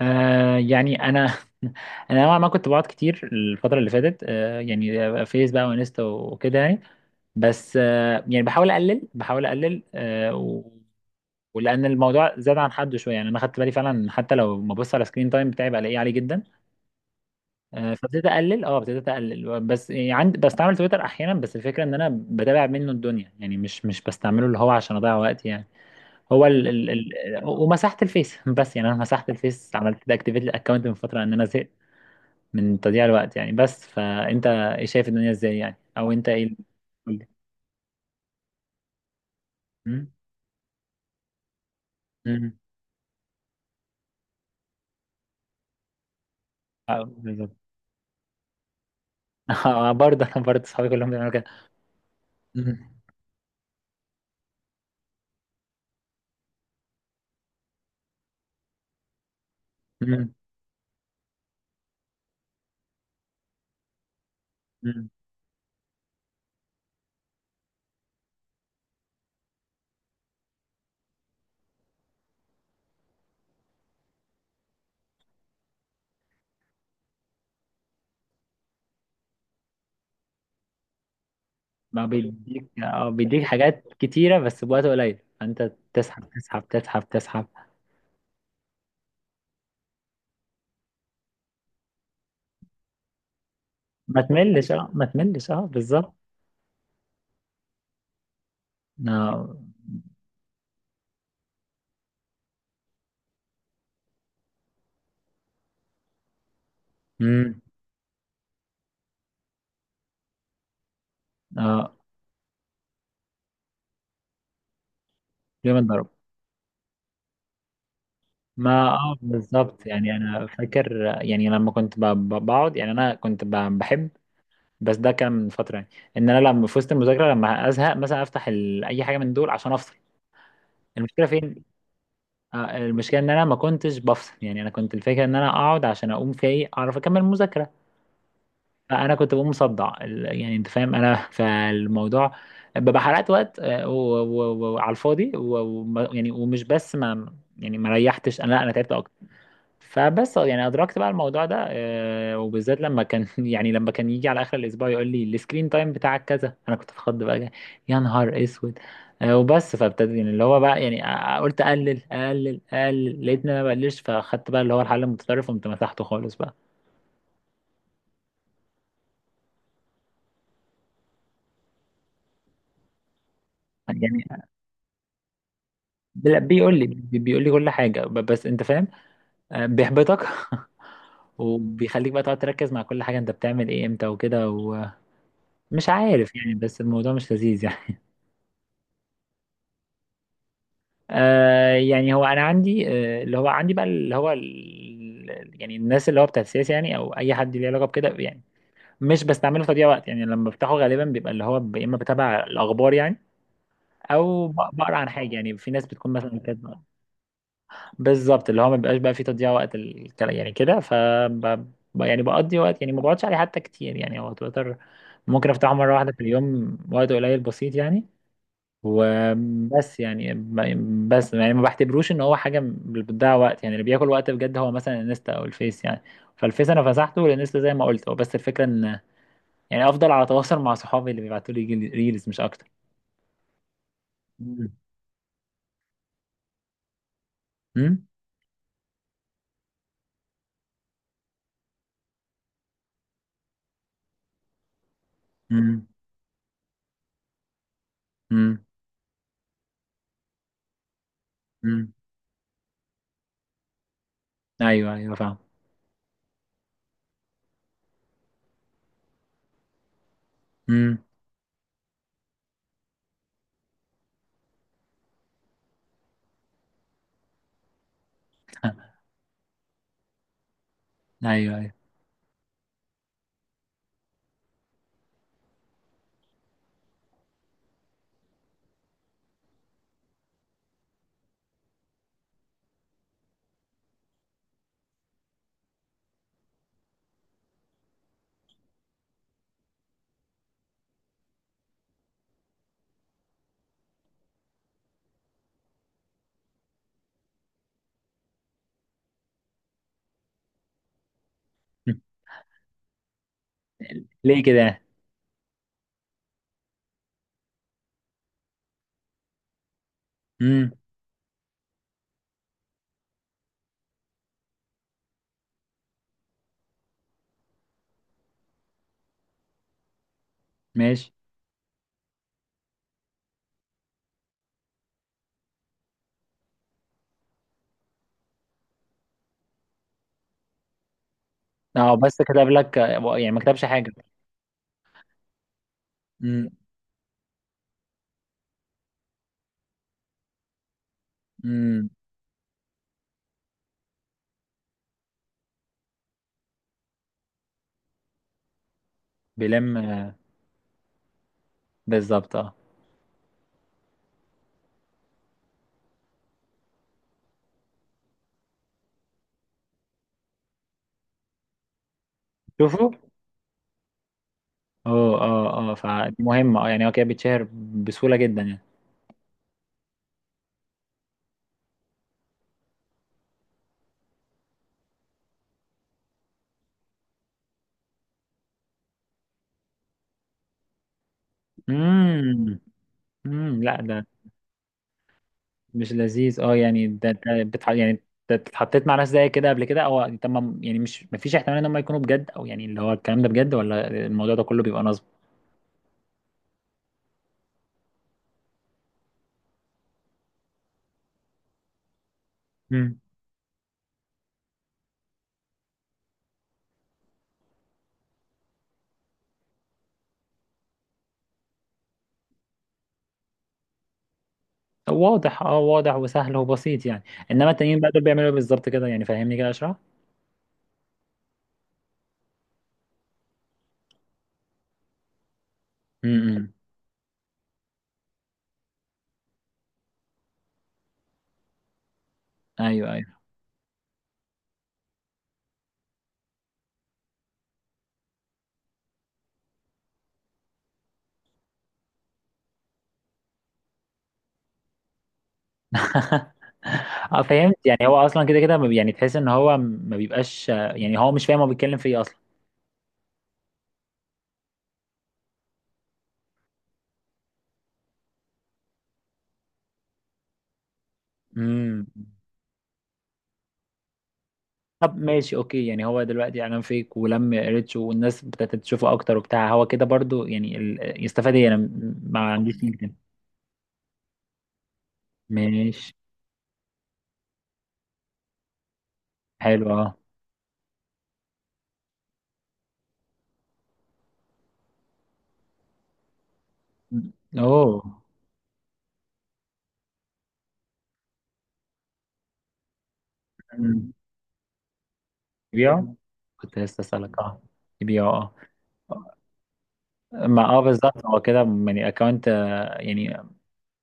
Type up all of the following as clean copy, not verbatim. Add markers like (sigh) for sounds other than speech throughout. انا (laughs) انا نوعا ما كنت بقعد كتير الفتره اللي فاتت، فيس بقى وانستا وكده يعني. بس بحاول اقلل ولان الموضوع زاد عن حده شويه، يعني انا خدت بالي فعلا حتى لو ما ببص على سكرين تايم بتاعي بلاقيه عالي جدا. فابتديت اقلل، ابتديت اقلل. بس يعني عندي، بستعمل تويتر احيانا، بس الفكره ان انا بتابع منه الدنيا يعني. مش بستعمله اللي هو عشان اضيع وقت يعني. هو ال ال ال ومسحت الفيس (laughs) بس يعني انا مسحت الفيس، عملت اكتيفيت الاكونت من فتره، ان انا زهقت من تضييع الوقت يعني. بس فانت ايه شايف الدنيا ازاي يعني، او انت ايه بتقول لي؟ مم؟ مم. آه، بالظبط. (laughs) آه، برضه انا، صحابي كلهم بيعملوا كده. مم. مم. مم. ما بيديك، بيديك حاجات كتيره بس بوقت قليل، فانت تسحب. ما تملش، اه بالظبط. اه. مم. اه. يوم الضرب. ما اه بالظبط. يعني انا فاكر، يعني لما كنت بقعد يعني انا كنت بحب بس ده كان من فتره يعني، ان انا لما في وسط المذاكره لما ازهق مثلا افتح اي حاجه من دول عشان افصل. المشكله فين؟ آه، المشكله ان انا ما كنتش بفصل. يعني انا كنت الفكره ان انا اقعد عشان اقوم في ايه، اعرف اكمل المذاكره. فانا كنت بقوم مصدع يعني انت فاهم انا. (laughs) فالموضوع ببقى حرقت وقت، آه، وعلى الفاضي يعني ومش بس ما، يعني ما ريحتش انا، لا انا تعبت. فبس يعني ادركت بقى الموضوع ده، آه، وبالذات لما كان (laughs) يعني لما كان يجي على اخر الاسبوع يقول لي السكرين تايم بتاعك كذا، انا كنت اتخض بقى. يا نهار اسود. آه، وبس فابتدي يعني اللي هو بقى يعني، قلت اقلل لقيت ان انا ما بقللش، فاخدت بقى اللي هو الحل المتطرف وقمت مسحته خالص بقى. يعني بيقول لي، بيقول لي كل حاجه بس انت فاهم. آه، بيحبطك. (laughs) وبيخليك بقى تقعد تركز مع كل حاجه انت بتعمل ايه امتى وكده، ومش عارف يعني. بس الموضوع مش لذيذ يعني. آه يعني هو انا عندي، آه اللي هو عندي بقى اللي هو يعني الناس اللي هو بتاع السياسه يعني، او اي حد ليه علاقه بكده يعني. مش بستعمله تضييع وقت يعني، لما بفتحه غالبا بيبقى اللي هو يا اما بتابع الاخبار يعني، او بقرا عن حاجه يعني، في ناس بتكون مثلا كاتبه. بالظبط، اللي هو ما بيبقاش بقى فيه تضييع وقت الكلام يعني كده. ف يعني بقضي وقت يعني، ما بقعدش عليه حتى كتير يعني. هو تويتر ممكن افتحه مره واحده في اليوم، وقت قليل بسيط يعني. وبس يعني بس يعني ما بعتبروش ان هو حاجه بتضيع وقت يعني. اللي بياكل وقت بجد هو مثلا الانستا او الفيس يعني. فالفيس انا مسحته، والانستا زي ما قلت، هو بس الفكره ان يعني افضل على تواصل مع صحابي اللي بيبعتوا لي ريلز مش اكتر. مم. امم. امم. امم. امم. ايوه ايوه، فاهم. امم. (laughs) ايوه ايوه. مم. ليه كده؟ امم. ماشي. اه بس كتب لك، يعني ما كتبش حاجه. امم. امم. بيلم. آه، بالظبط. اه. شوفوا. اه فدي مهمة، اه يعني هو كده بيتشهر بسهولة جدا يعني. امم. امم. لا ده مش لذيذ اه يعني. ده يعني أنت اتحطيت مع ناس زي كده قبل كده؟ او تمام يعني، مش مفيش احتمال ان هم يكونوا بجد، او يعني اللي هو الكلام ده بجد، ولا الموضوع ده كله بيبقى نصب؟ امم. واضح، اه واضح وسهل وبسيط يعني. انما التانيين بقى دول بيعملوا ايه بالظبط كده يعني؟ فهمني كده، اشرح. امم. ايوه ايوه. (laughs) اه فهمت. يعني هو اصلا كده كده ما بي- يعني تحس ان هو ما بيبقاش، يعني هو مش فاهم هو بيتكلم في ايه اصلا. امم. طب ماشي، اوكي. يعني هو دلوقتي اعلان فيك، ولم ريتش والناس ابتدت تشوفه اكتر وبتاع، هو كده برضو يعني يستفاد ايه؟ انا ما عنديش لينكدين. ماشي. حلو اه. اوه. أمم. يبيعه؟ كنت لسه اسالك. اه يبيعه. اه. ما اه بالظبط، هو كده يعني اكونت يعني،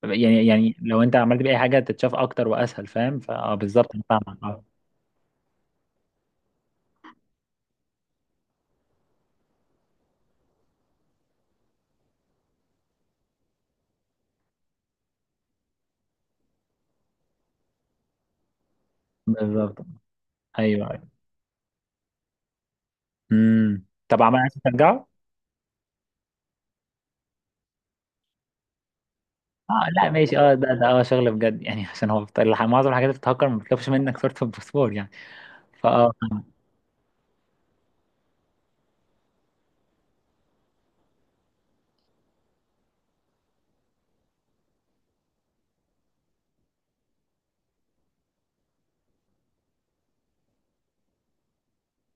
يعني لو انت عملت بيه اي حاجه تتشاف اكتر واسهل، فاهم. فاه بالظبط، انا فاهمك اه. بالظبط. ايوه. امم. طب عمل، عايز ترجعه؟ اه. لا ماشي اه، ده اه شغل بجد يعني، عشان هو معظم الحاجات اللي بتتهكر ما بتطلبش منك صورة الباسبور يعني. فاه.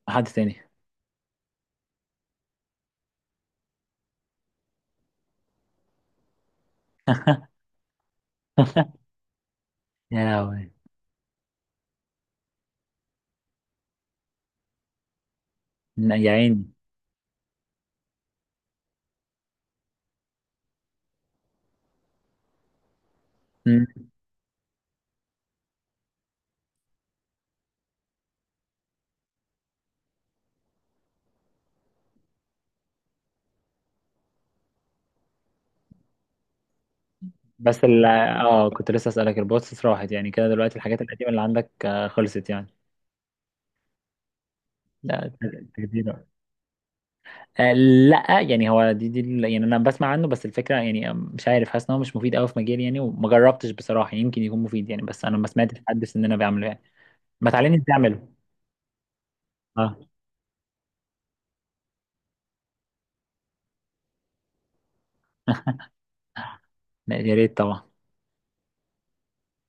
حد تاني؟ (laughs) يا لهوي. لا، يا عيني. مم. بس ال، اه كنت لسه اسألك، البوستس راحت يعني؟ كده دلوقتي الحاجات القديمة اللي عندك، آه، خلصت يعني. لا. تجديد. آه، لا يعني هو دي يعني انا بسمع عنه، بس الفكره يعني، آه، مش عارف، حاسس ان هو مش مفيد قوي في مجالي يعني، وما جربتش بصراحه. يمكن يكون مفيد يعني، بس انا ما سمعتش حد في سننا بيعمله يعني. ما تعلمني ازاي اعمله؟ اه. لا، يا ريت طبعا.